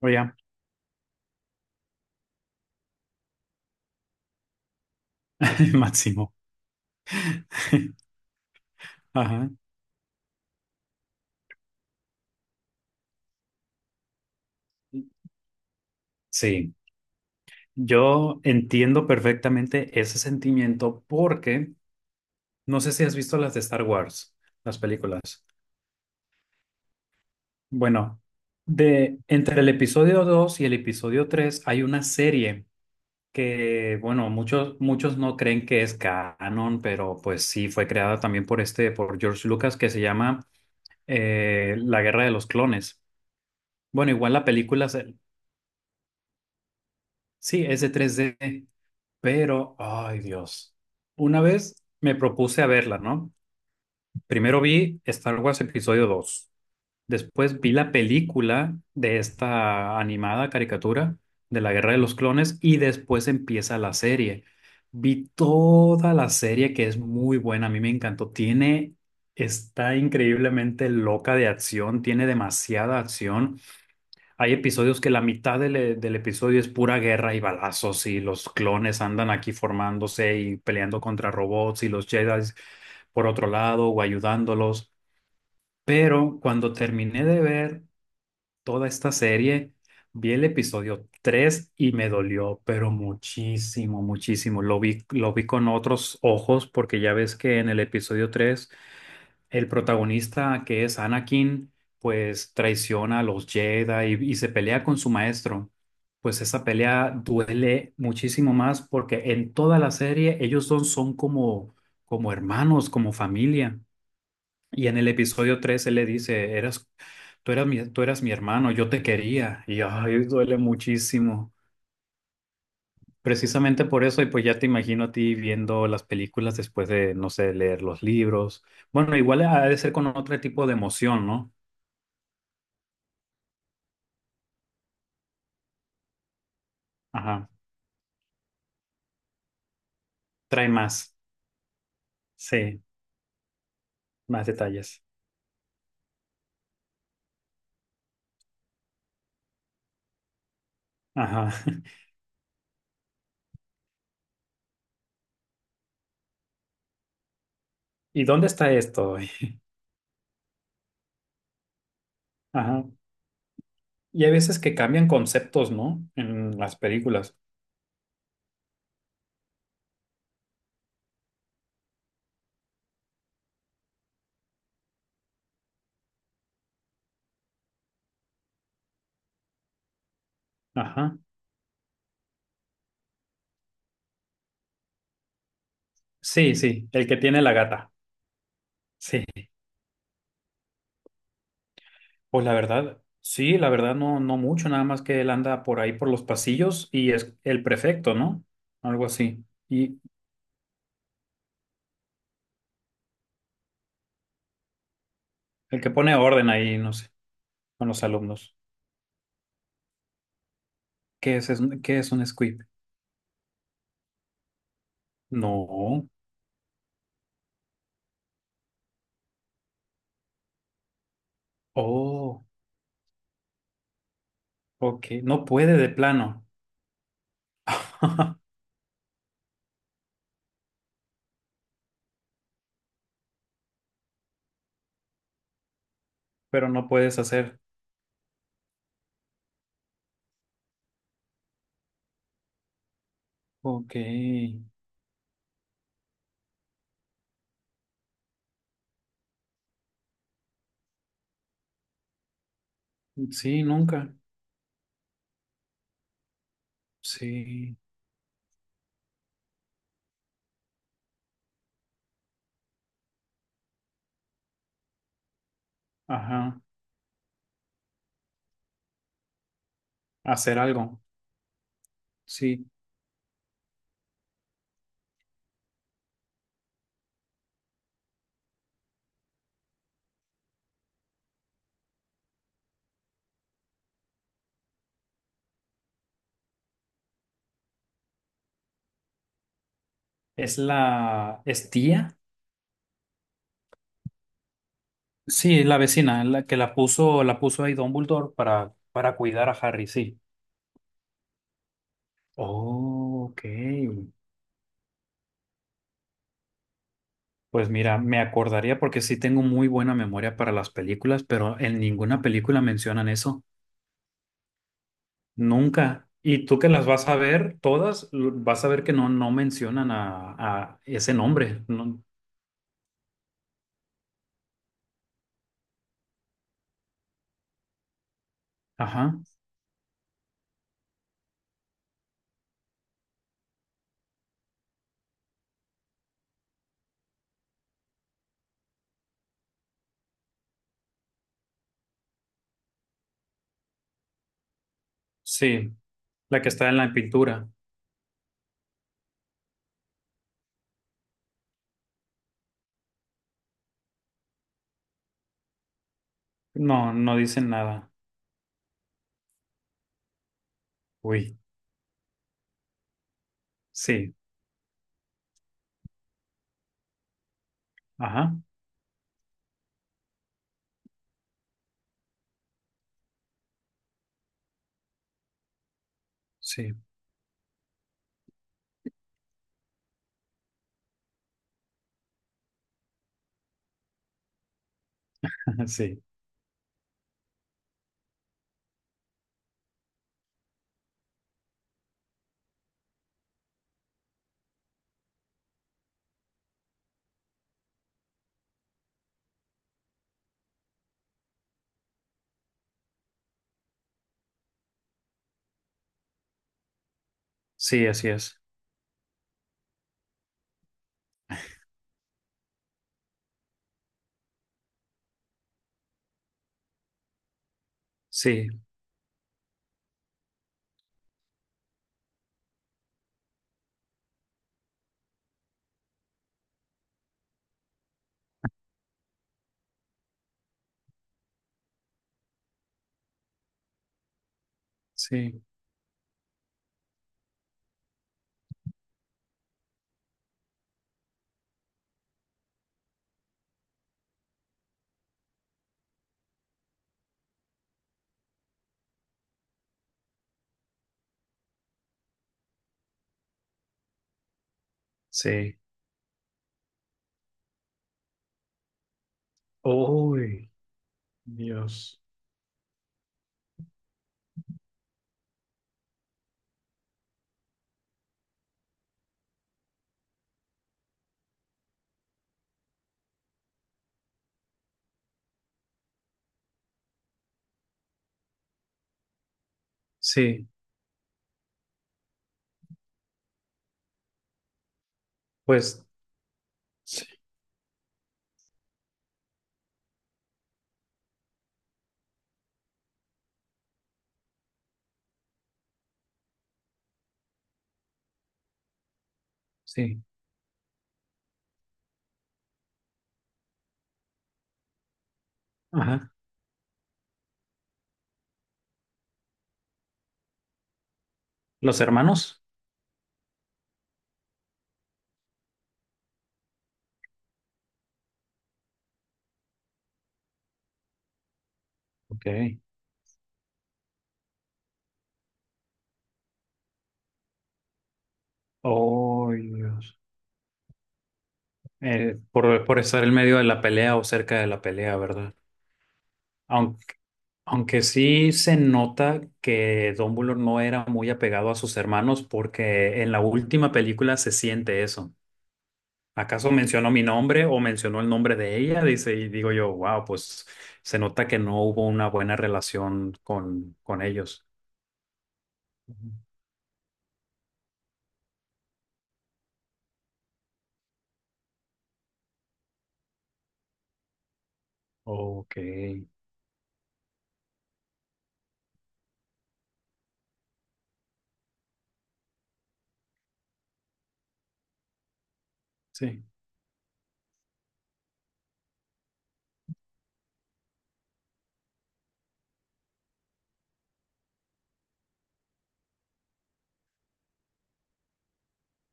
Oye, máximo. Ajá. Sí, yo entiendo perfectamente ese sentimiento porque no sé si has visto las de Star Wars, las películas. Bueno, de entre el episodio 2 y el episodio 3 hay una serie que, bueno, muchos no creen que es canon, pero pues sí fue creada también por por George Lucas que se llama La Guerra de los Clones. Bueno, igual la sí es de 3D. Pero, ay Dios, una vez me propuse a verla, ¿no? Primero vi Star Wars Episodio dos, después vi la película de esta animada caricatura de la Guerra de los Clones y después empieza la serie. Vi toda la serie que es muy buena, a mí me encantó. Tiene, está increíblemente loca de acción, tiene demasiada acción. Hay episodios que la mitad del episodio es pura guerra y balazos y los clones andan aquí formándose y peleando contra robots y los Jedi por otro lado o ayudándolos. Pero cuando terminé de ver toda esta serie, vi el episodio 3 y me dolió, pero muchísimo, muchísimo. Lo vi con otros ojos porque ya ves que en el episodio 3 el protagonista, que es Anakin, pues traiciona a los Jedi y se pelea con su maestro. Pues esa pelea duele muchísimo más porque en toda la serie ellos dos son como, como hermanos, como familia. Y en el episodio 3 él le dice, eras, tú eras mi hermano, yo te quería. Y ay, duele muchísimo. Precisamente por eso, y pues ya te imagino a ti viendo las películas después de, no sé, leer los libros. Bueno, igual ha de ser con otro tipo de emoción, ¿no? Ajá. Trae más. Sí, más detalles. Ajá. ¿Y dónde está esto hoy? Ajá. Y hay veces que cambian conceptos, ¿no? En las películas. Ajá. Sí, sí, el que tiene la gata. Sí. Pues la verdad, sí, la verdad no, no mucho, nada más que él anda por ahí por los pasillos y es el prefecto, ¿no? Algo así. Y el que pone orden ahí, no sé, con los alumnos. ¿Qué es, qué es un squib? No. Oh, ok. No puede de plano. Pero no puedes hacer. Ok. Sí, nunca. Sí. Ajá. Hacer algo. Sí. ¿Es la... ¿Es tía? Sí, la vecina, la que la puso ahí Dumbledore para cuidar a Harry, sí. Oh, ok. Pues mira, me acordaría porque sí tengo muy buena memoria para las películas, pero en ninguna película mencionan eso, nunca. Y tú que las vas a ver todas, vas a ver que no, no mencionan a ese nombre. No. Ajá, sí, la que está en la pintura. No, no dicen nada. Uy, sí, ajá, sí, sí, sí, así es. Sí, sí, sí. Uy, Dios. Sí, pues, sí, sí. Ajá. Los hermanos. Ok. Oh, Dios. Por estar en medio de la pelea o cerca de la pelea, ¿verdad? Aunque, aunque sí se nota que Dumbledore no era muy apegado a sus hermanos porque en la última película se siente eso. ¿Acaso mencionó mi nombre o mencionó el nombre de ella? Dice, y digo yo, wow, pues se nota que no hubo una buena relación con ellos. Ujú. Ok. Sí.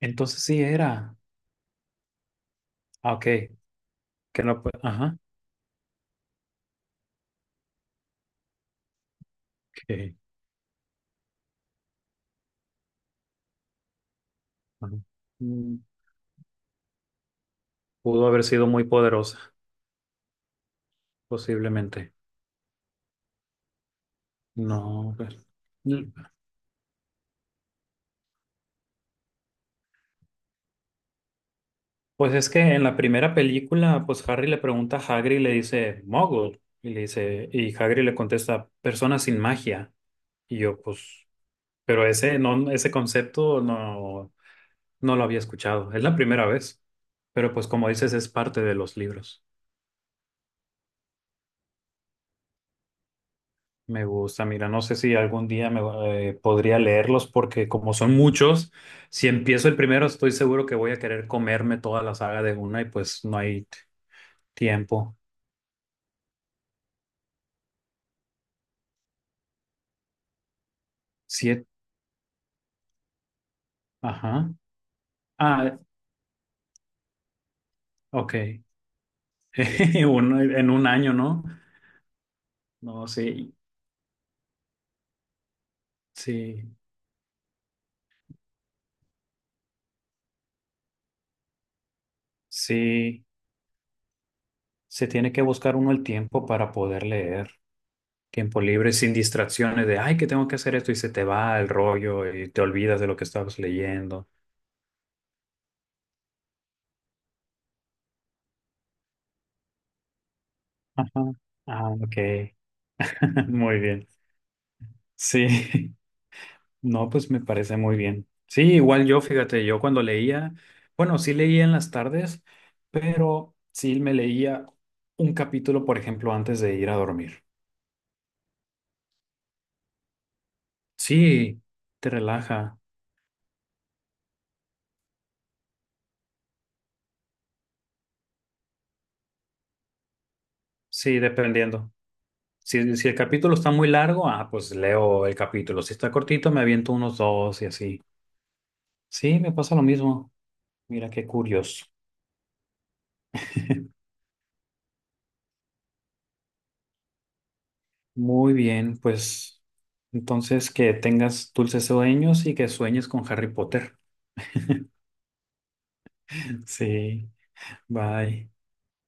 Entonces sí era. Ah, ok. Que no, ajá. Que, bueno, mm, pudo haber sido muy poderosa, posiblemente. No, pues, mm, pues es que en la primera película, pues Harry le pregunta a Hagrid y le dice Muggle y le dice, y Hagrid le contesta, persona sin magia. Y yo pues, pero ese concepto no, no lo había escuchado. Es la primera vez, pero pues como dices es parte de los libros. Me gusta, mira, no sé si algún día me podría leerlos porque como son muchos, si empiezo el primero estoy seguro que voy a querer comerme toda la saga de una y pues no hay tiempo. Siete, ajá. Ah, ok. Uno en un año, ¿no? No, sí, sí, sí. Se tiene que buscar uno el tiempo para poder leer. Tiempo libre, sin distracciones de, ay, que tengo que hacer esto y se te va el rollo y te olvidas de lo que estabas leyendo. Ajá. Ah, ok. Muy bien. Sí, no, pues me parece muy bien. Sí, igual yo, fíjate, yo cuando leía, bueno, sí leía en las tardes, pero sí me leía un capítulo, por ejemplo, antes de ir a dormir. Sí, te relaja. Sí, dependiendo. Si, si el capítulo está muy largo, ah, pues leo el capítulo. Si está cortito, me aviento unos dos y así. Sí, me pasa lo mismo. Mira qué curioso. Muy bien, pues entonces que tengas dulces sueños y que sueñes con Harry Potter. Sí, bye.